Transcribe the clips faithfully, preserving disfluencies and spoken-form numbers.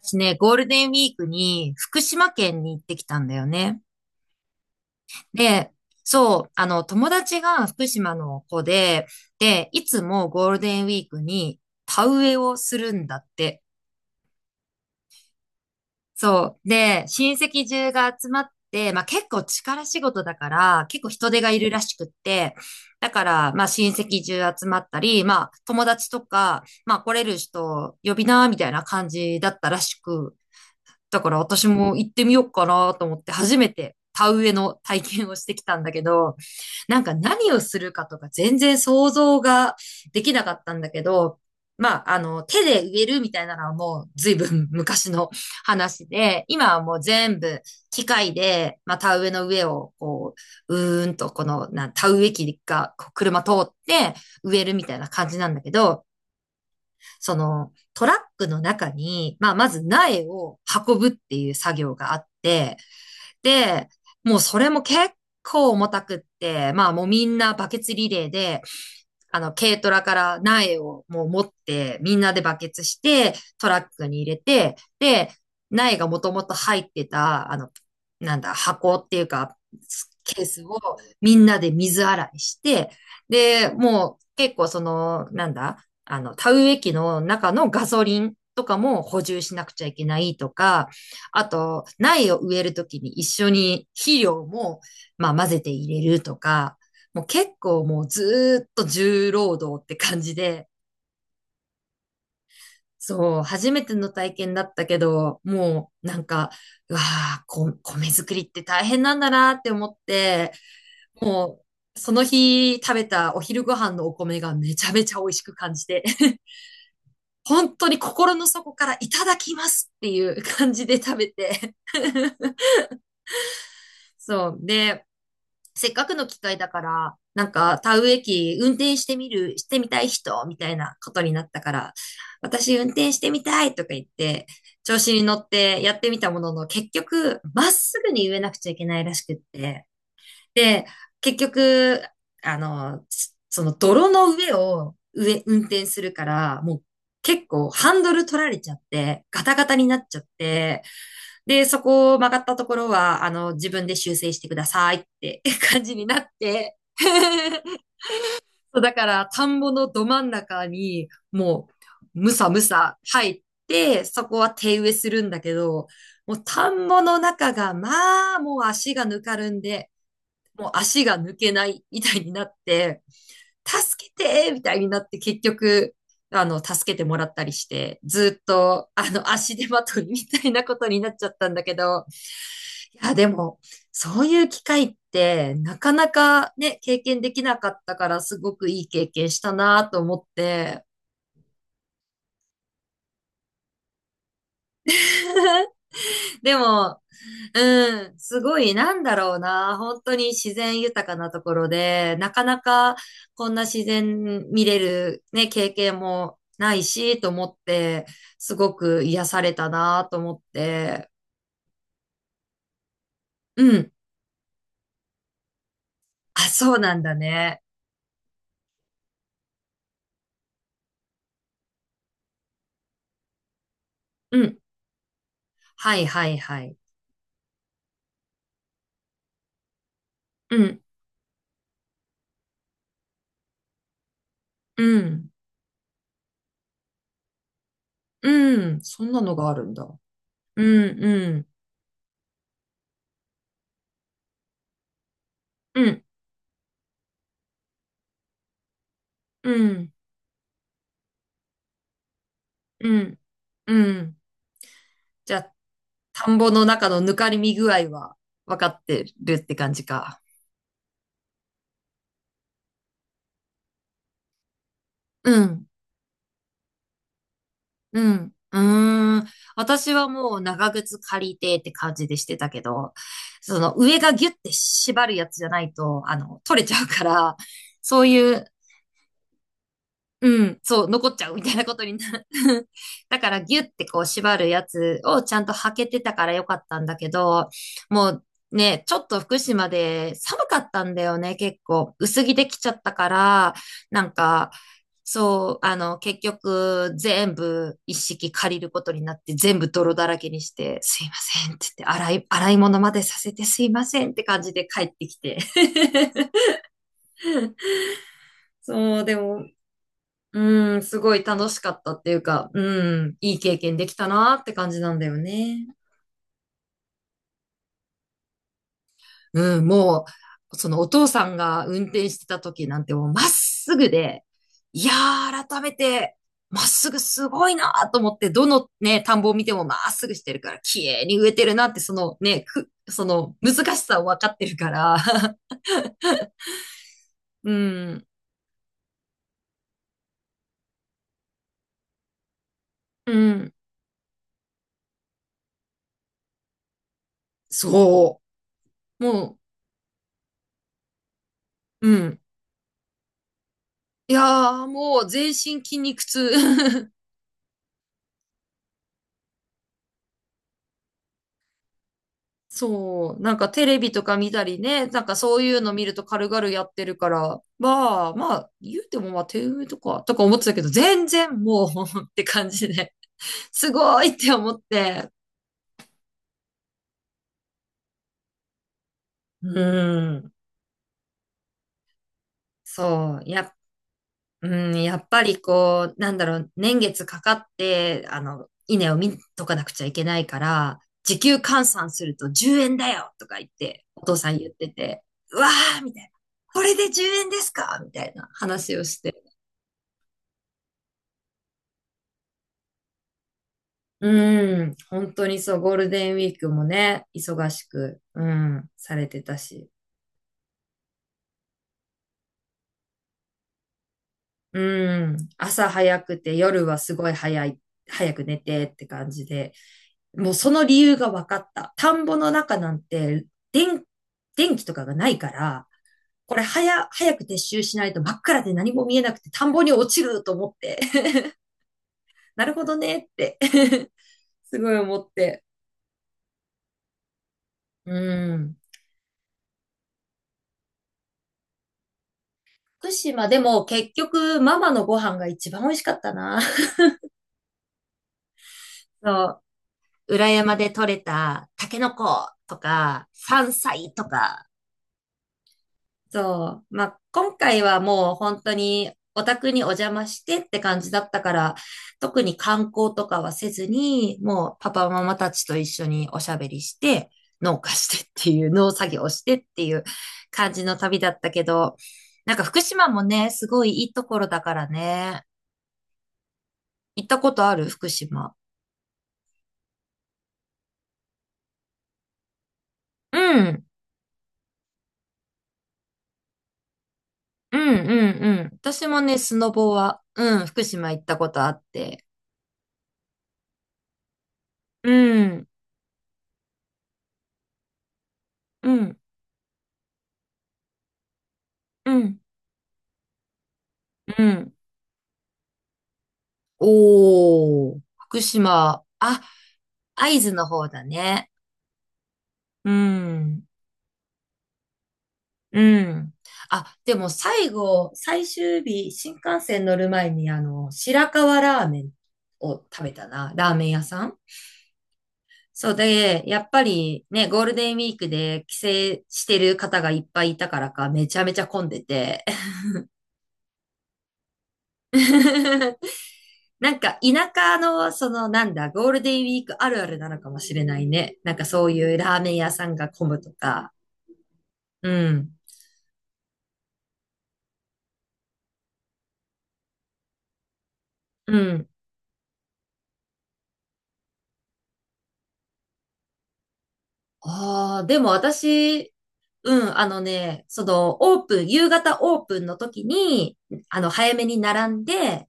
私ね、ゴールデンウィークに福島県に行ってきたんだよね。で、そう、あの、友達が福島の子で、で、いつもゴールデンウィークに田植えをするんだって。そう。で、親戚中が集まって、まあ結構力仕事だから、結構人手がいるらしくって、だから、まあ親戚中集まったり、まあ友達とか、まあ来れる人呼びな、みたいな感じだったらしく、だから私も行ってみようかなと思って、初めて田植えの体験をしてきたんだけど、なんか何をするかとか全然想像ができなかったんだけど、まあ、あの、手で植えるみたいなのはもう随分昔の話で、今はもう全部機械で、まあ、田植えの上をこう、うーんとこの、な、田植え機がこう車通って植えるみたいな感じなんだけど、そのトラックの中に、まあ、まず苗を運ぶっていう作業があって、で、もうそれも結構重たくって、まあもうみんなバケツリレーで、あの、軽トラから苗をもう持って、みんなでバケツして、トラックに入れて、で、苗がもともと入ってた、あの、なんだ、箱っていうか、ケースをみんなで水洗いして、で、もう結構その、なんだ、あの、田植え機の中のガソリンとかも補充しなくちゃいけないとか、あと、苗を植えるときに一緒に肥料も、まあ、混ぜて入れるとか、もう結構もうずーっと重労働って感じで、そう、初めての体験だったけど、もうなんか、うわあ、こ米作りって大変なんだなって思って、もうその日食べたお昼ご飯のお米がめちゃめちゃ美味しく感じて。本当に心の底からいただきますっていう感じで食べて そう。で、せっかくの機会だから、なんか、田植え機運転してみる、してみたい人、みたいなことになったから、私運転してみたいとか言って、調子に乗ってやってみたものの、結局、まっすぐに植えなくちゃいけないらしくって、で、結局、あの、その泥の上を上、運転するから、もう結構ハンドル取られちゃって、ガタガタになっちゃって、で、そこを曲がったところは、あの、自分で修正してくださいって 感じになって、そう、だから、田んぼのど真ん中に、もう、むさむさ入って、そこは手植えするんだけど、もう田んぼの中が、まあ、もう足がぬかるんで、もう足が抜けないみたいになって、助けてみたいになって結局、あの、助けてもらったりして、ずっと、あの、足手まといみたいなことになっちゃったんだけど、いや、でも、そういう機会って、なかなかね、経験できなかったから、すごくいい経験したなと思って。でも、うん、すごい、なんだろうな。本当に自然豊かなところで、なかなかこんな自然見れるね、経験もないし、と思って、すごく癒されたなと思って。うん。あ、そうなんだね。うん。はいはいはい。うん、うん、うん。そんなのがあるんだ。うん、うん、うん、うん、うん、うん。じゃあ、田んぼの中のぬかりみ具合は分かってるって感じか。うん、うん、うーん。私はもう長靴借りてって感じでしてたけど、その上がギュッて縛るやつじゃないと、あの、取れちゃうから、そういううん、そう、残っちゃうみたいなことになる。だからギュってこう縛るやつをちゃんと履けてたからよかったんだけど、もうね、ちょっと福島で寒かったんだよね、結構。薄着できちゃったから、なんか、そう、あの、結局全部一式借りることになって全部泥だらけにして、すいませんって言って、洗い、洗い物までさせてすいませんって感じで帰ってきて。そう、でもうん、すごい楽しかったっていうか、うん、いい経験できたなって感じなんだよね。うん、もう、そのお父さんが運転してた時なんてもうまっすぐで、いやー、改めて、まっすぐすごいなーと思って、どのね、田んぼを見てもまっすぐしてるから、綺麗に植えてるなって、そのね、く、その難しさを分かってるから、うん、うん、そう、もう、うん。いやー、もう全身筋肉痛。そう、なんかテレビとか見たりね、なんかそういうの見ると軽々やってるから、まあまあ、言うてもまあ手埋とか、とか思ってたけど、全然もう って感じで、すごいって思って、うん、そう、やっ、うん、やっぱりこう、なんだろう、年月かかって、あの、稲を見とかなくちゃいけないから、時給換算するとじゅうえんだよとか言って、お父さん言ってて、うわーみたいな。これでじゅうえんですかみたいな話をして。うん、本当にそう、ゴールデンウィークもね、忙しく、うん、されてたし。うん、朝早くて夜はすごい早い、早く寝てって感じで、もうその理由が分かった。田んぼの中なんて、電、電気とかがないから、これ早、早く撤収しないと真っ暗で何も見えなくて田んぼに落ちると思って。なるほどねって すごい思って。うん。福島でも結局ママのご飯が一番美味しかったな。そう、裏山で採れたタケノコとか、山菜とか、そう。まあ、今回はもう本当にお宅にお邪魔してって感じだったから、特に観光とかはせずに、もうパパママたちと一緒におしゃべりして、農家してっていう、農作業をしてっていう感じの旅だったけど、なんか福島もね、すごいいいところだからね。行ったことある福島。うん。うん、うん、うん。私もね、スノボは、うん、福島行ったことあって。うん、うん、うん、うん。おー、福島。あ、会津の方だね。うん、うん。あ、でも最後、最終日、新幹線乗る前に、あの、白河ラーメンを食べたな。ラーメン屋さん。そうで、やっぱりね、ゴールデンウィークで帰省してる方がいっぱいいたからか、めちゃめちゃ混んでて。なんか田舎の、そのなんだ、ゴールデンウィークあるあるなのかもしれないね。なんかそういうラーメン屋さんが混むとか。うん。うん。ああ、でも私、うん、あのね、その、オープン、夕方オープンの時に、あの、早めに並んで、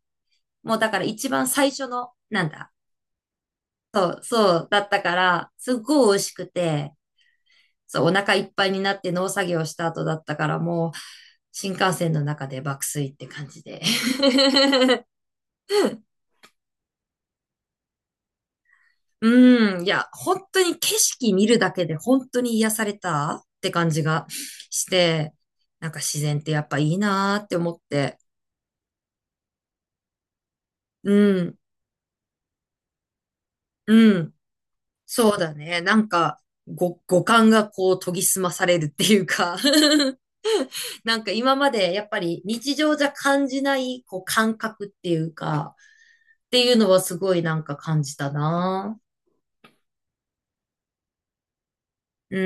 もうだから一番最初の、なんだ、そう、そうだったから、すっごい美味しくて、そう、お腹いっぱいになって農作業した後だったから、もう、新幹線の中で爆睡って感じで。うん、いや、本当に景色見るだけで本当に癒されたって感じがして、なんか自然ってやっぱいいなーって思って。うん、うん、そうだね。なんか、ご、五感がこう研ぎ澄まされるっていうか なんか今までやっぱり日常じゃ感じないこう感覚っていうか、っていうのはすごいなんか感じたな。う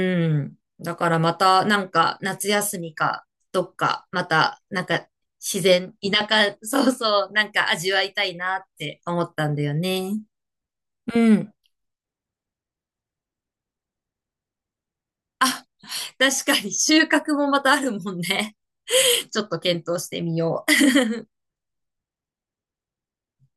ん。だからまたなんか夏休みかどっかまたなんか自然、田舎、そうそう、なんか味わいたいなって思ったんだよね。うん。確かに収穫もまたあるもんね。ちょっと検討してみよう。